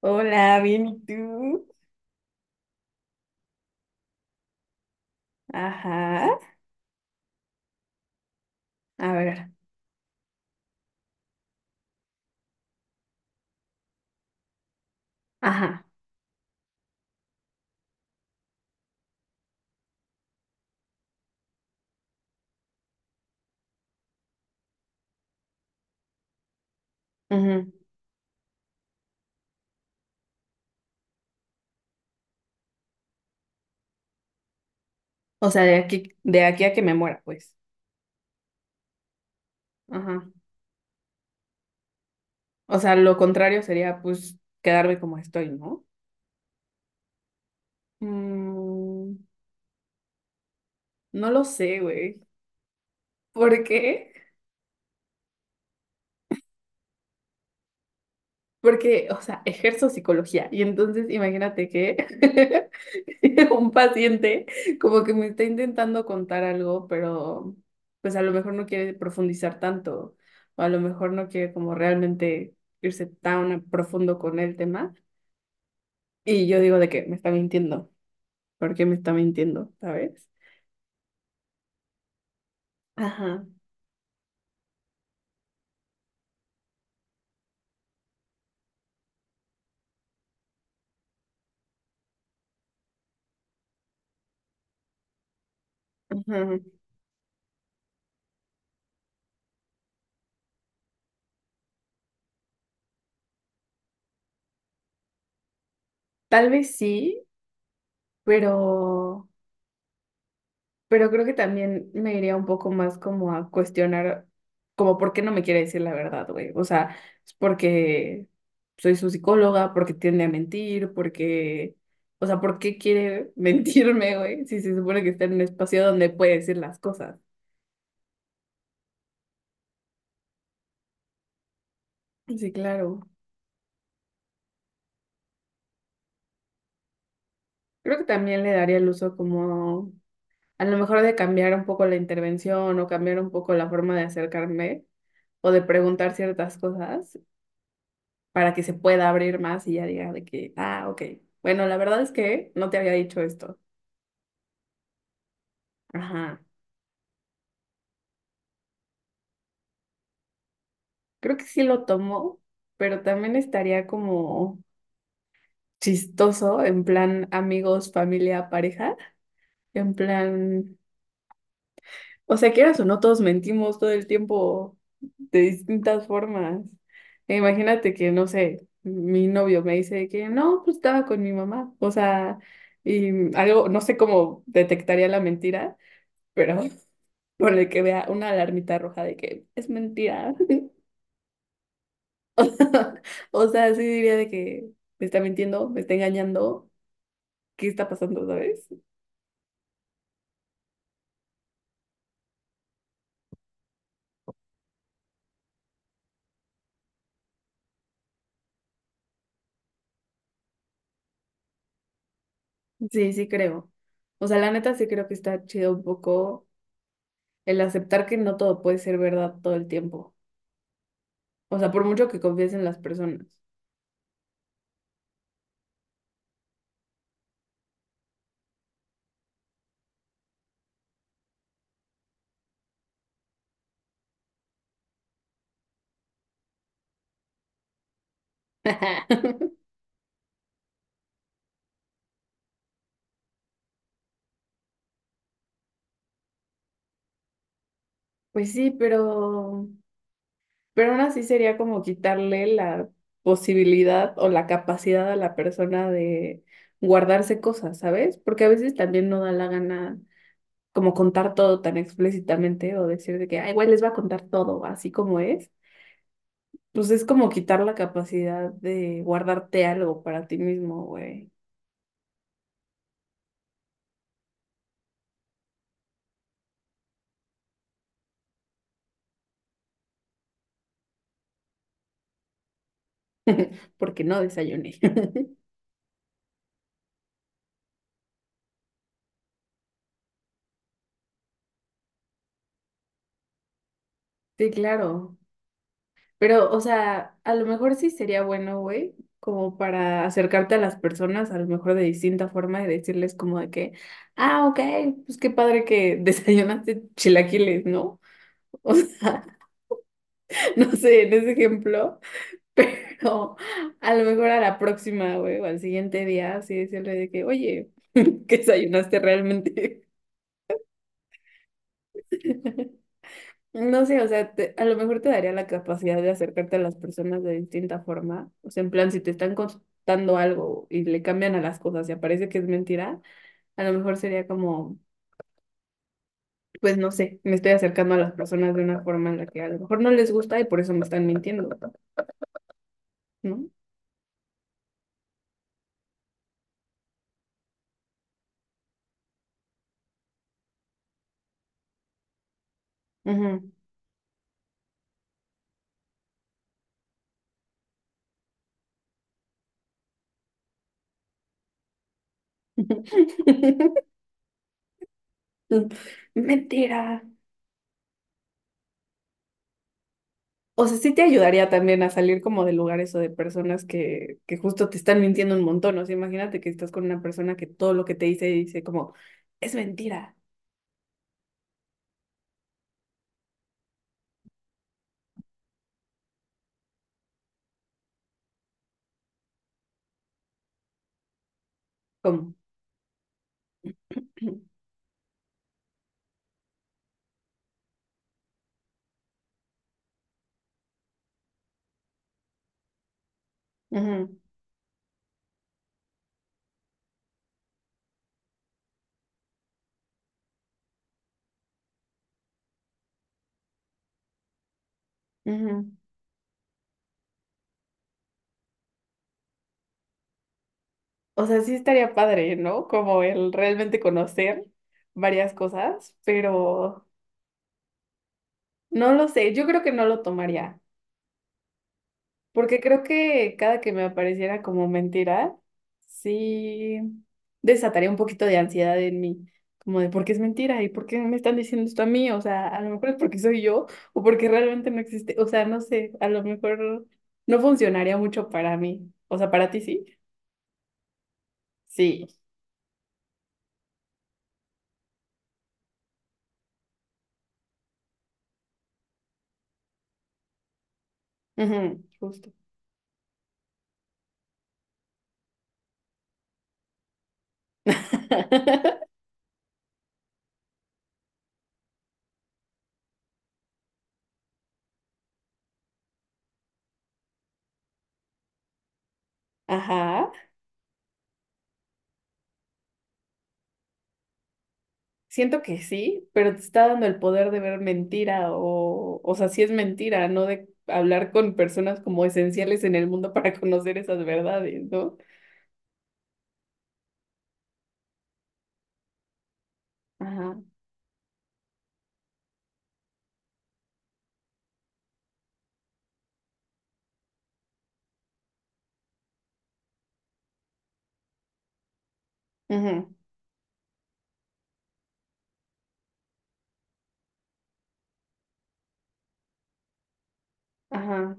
Hola, bien, ¿y tú? Ajá, a ver, ajá, ujú. O sea, de aquí, a que me muera, pues. Ajá. O sea, lo contrario sería, pues, quedarme como estoy, ¿no? Mm, no lo sé, güey. ¿Por qué? Porque, o sea, ejerzo psicología y entonces imagínate que un paciente como que me está intentando contar algo, pero pues a lo mejor no quiere profundizar tanto o a lo mejor no quiere como realmente irse tan a profundo con el tema. Y yo digo de que me está mintiendo, ¿por qué me está mintiendo? ¿Sabes? Ajá, ajá. Tal vez sí, pero... Pero creo que también me iría un poco más como a cuestionar, como por qué no me quiere decir la verdad, güey. O sea, es porque soy su psicóloga, porque tiende a mentir, porque, o sea, ¿por qué quiere mentirme, güey? Si se supone que está en un espacio donde puede decir las cosas. Sí, claro. Creo que también le daría el uso como, a lo mejor de cambiar un poco la intervención o cambiar un poco la forma de acercarme o de preguntar ciertas cosas para que se pueda abrir más y ya diga de que, ah, ok. Bueno, la verdad es que no te había dicho esto. Ajá. Creo que sí lo tomó, pero también estaría como chistoso, en plan amigos, familia, pareja, en plan, o sea, quieras o no, todos mentimos todo el tiempo de distintas formas. E imagínate que, no sé, mi novio me dice que no, pues estaba con mi mamá, o sea, y algo, no sé cómo detectaría la mentira, pero con el que vea una alarmita roja de que es mentira. O sea, o sea, sí diría de que me está mintiendo, me está engañando, ¿qué está pasando, sabes? Sí, sí creo. O sea, la neta sí creo que está chido un poco el aceptar que no todo puede ser verdad todo el tiempo. O sea, por mucho que confíes en las personas. Pues sí, pero aún así sería como quitarle la posibilidad o la capacidad a la persona de guardarse cosas, ¿sabes? Porque a veces también no da la gana como contar todo tan explícitamente o decir de que, ay, güey, les va a contar todo así como es. Pues es como quitar la capacidad de guardarte algo para ti mismo, güey. Porque no desayuné. Sí, claro. Pero, o sea, a lo mejor sí sería bueno, güey, como para acercarte a las personas, a lo mejor de distinta forma y decirles como de que, ah, ok, pues qué padre que desayunaste chilaquiles, ¿no? O sea, no sé, en ese ejemplo, pero a lo mejor a la próxima, güey, o al siguiente día, así decirle de que, oye, ¿qué desayunaste realmente? No sé, o sea, a lo mejor te daría la capacidad de acercarte a las personas de distinta forma. O sea, en plan, si te están contando algo y le cambian a las cosas y aparece que es mentira, a lo mejor sería como, pues no sé, me estoy acercando a las personas de una forma en la que a lo mejor no les gusta y por eso me están mintiendo, ¿no? Ujú. Mentira. O sea, sí te ayudaría también a salir como de lugares o de personas que justo te están mintiendo un montón. O sea, imagínate que estás con una persona que todo lo que te dice dice como, es mentira. Como, "Ujú, ujú". O sea, sí estaría padre, ¿no? Como el realmente conocer varias cosas, pero no lo sé. Yo creo que no lo tomaría. Porque creo que cada que me apareciera como mentira, sí desataría un poquito de ansiedad en mí, como de por qué es mentira y por qué me están diciendo esto a mí, o sea, a lo mejor es porque soy yo o porque realmente no existe, o sea, no sé, a lo mejor no funcionaría mucho para mí, o sea, para ti sí, sí, ujú, justo. Ajá. Siento que sí, pero te está dando el poder de ver mentira o sea, si es mentira, no de hablar con personas como esenciales en el mundo para conocer esas verdades, ¿no? Ajá, ajá, ajá.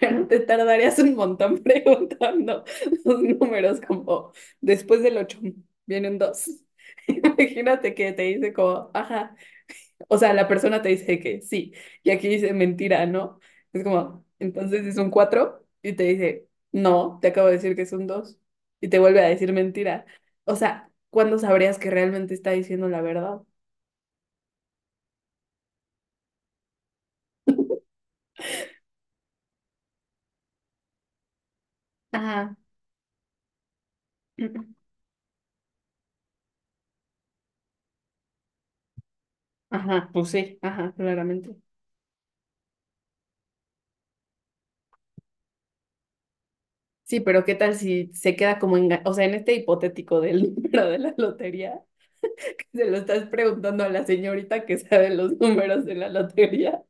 Pero te tardarías un montón preguntando los números como después del 8 viene un 2. Imagínate que te dice como, ajá, o sea, la persona te dice que sí, y aquí dice mentira, ¿no? Es como, entonces es un 4 y te dice, no, te acabo de decir que es un 2 y te vuelve a decir mentira. O sea, ¿cuándo sabrías que realmente está diciendo la verdad? Ajá. Ajá, pues sí, ajá, claramente. Sí, pero ¿qué tal si se queda como o sea, en este hipotético del número de la lotería, que se lo estás preguntando a la señorita que sabe los números de la lotería.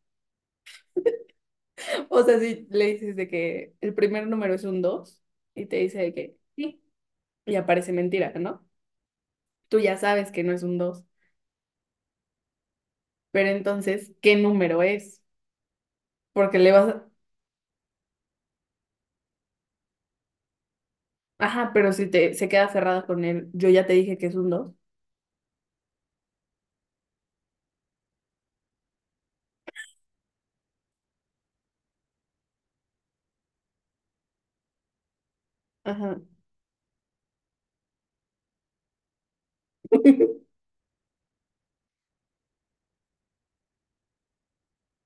O sea, si le dices de que el primer número es un 2 y te dice de que sí, y aparece mentira, ¿no? Tú ya sabes que no es un dos, pero entonces, ¿qué número es? Porque le vas a... Ajá, pero si te se queda cerrada con él, yo ya te dije que es un dos. Ajá.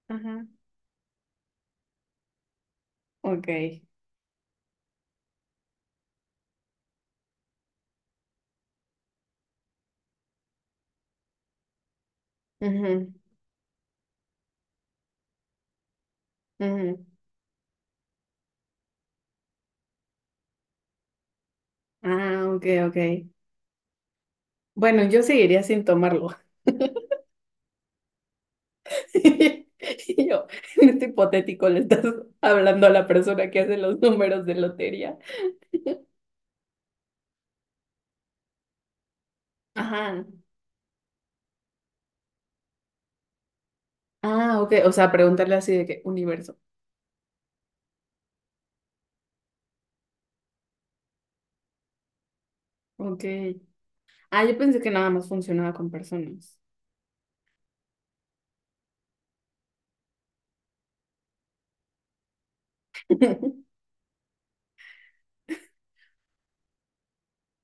Ajá. Ok. Ujú, ujú. Ah, ok, ok. Bueno, yo seguiría sin tomarlo. Y yo, en este hipotético, le estás hablando a la persona que hace los números de lotería. Ajá. Ah, ok. O sea, preguntarle así de que universo. Ok. Ah, yo pensé que nada más funcionaba con personas.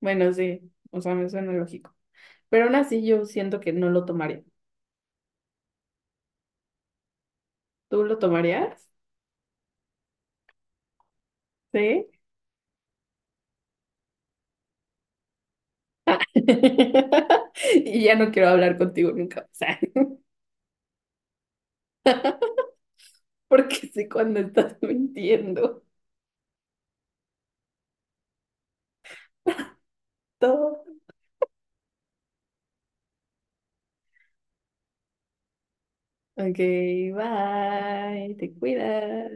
Bueno, sí. O sea, me suena lógico. Pero aún así yo siento que no lo tomaría. ¿Tú lo tomarías? Sí. Ah. Y ya no quiero hablar contigo nunca. O sea, porque sé cuando estás mintiendo. Todo. Ok, bye. Te cuidas.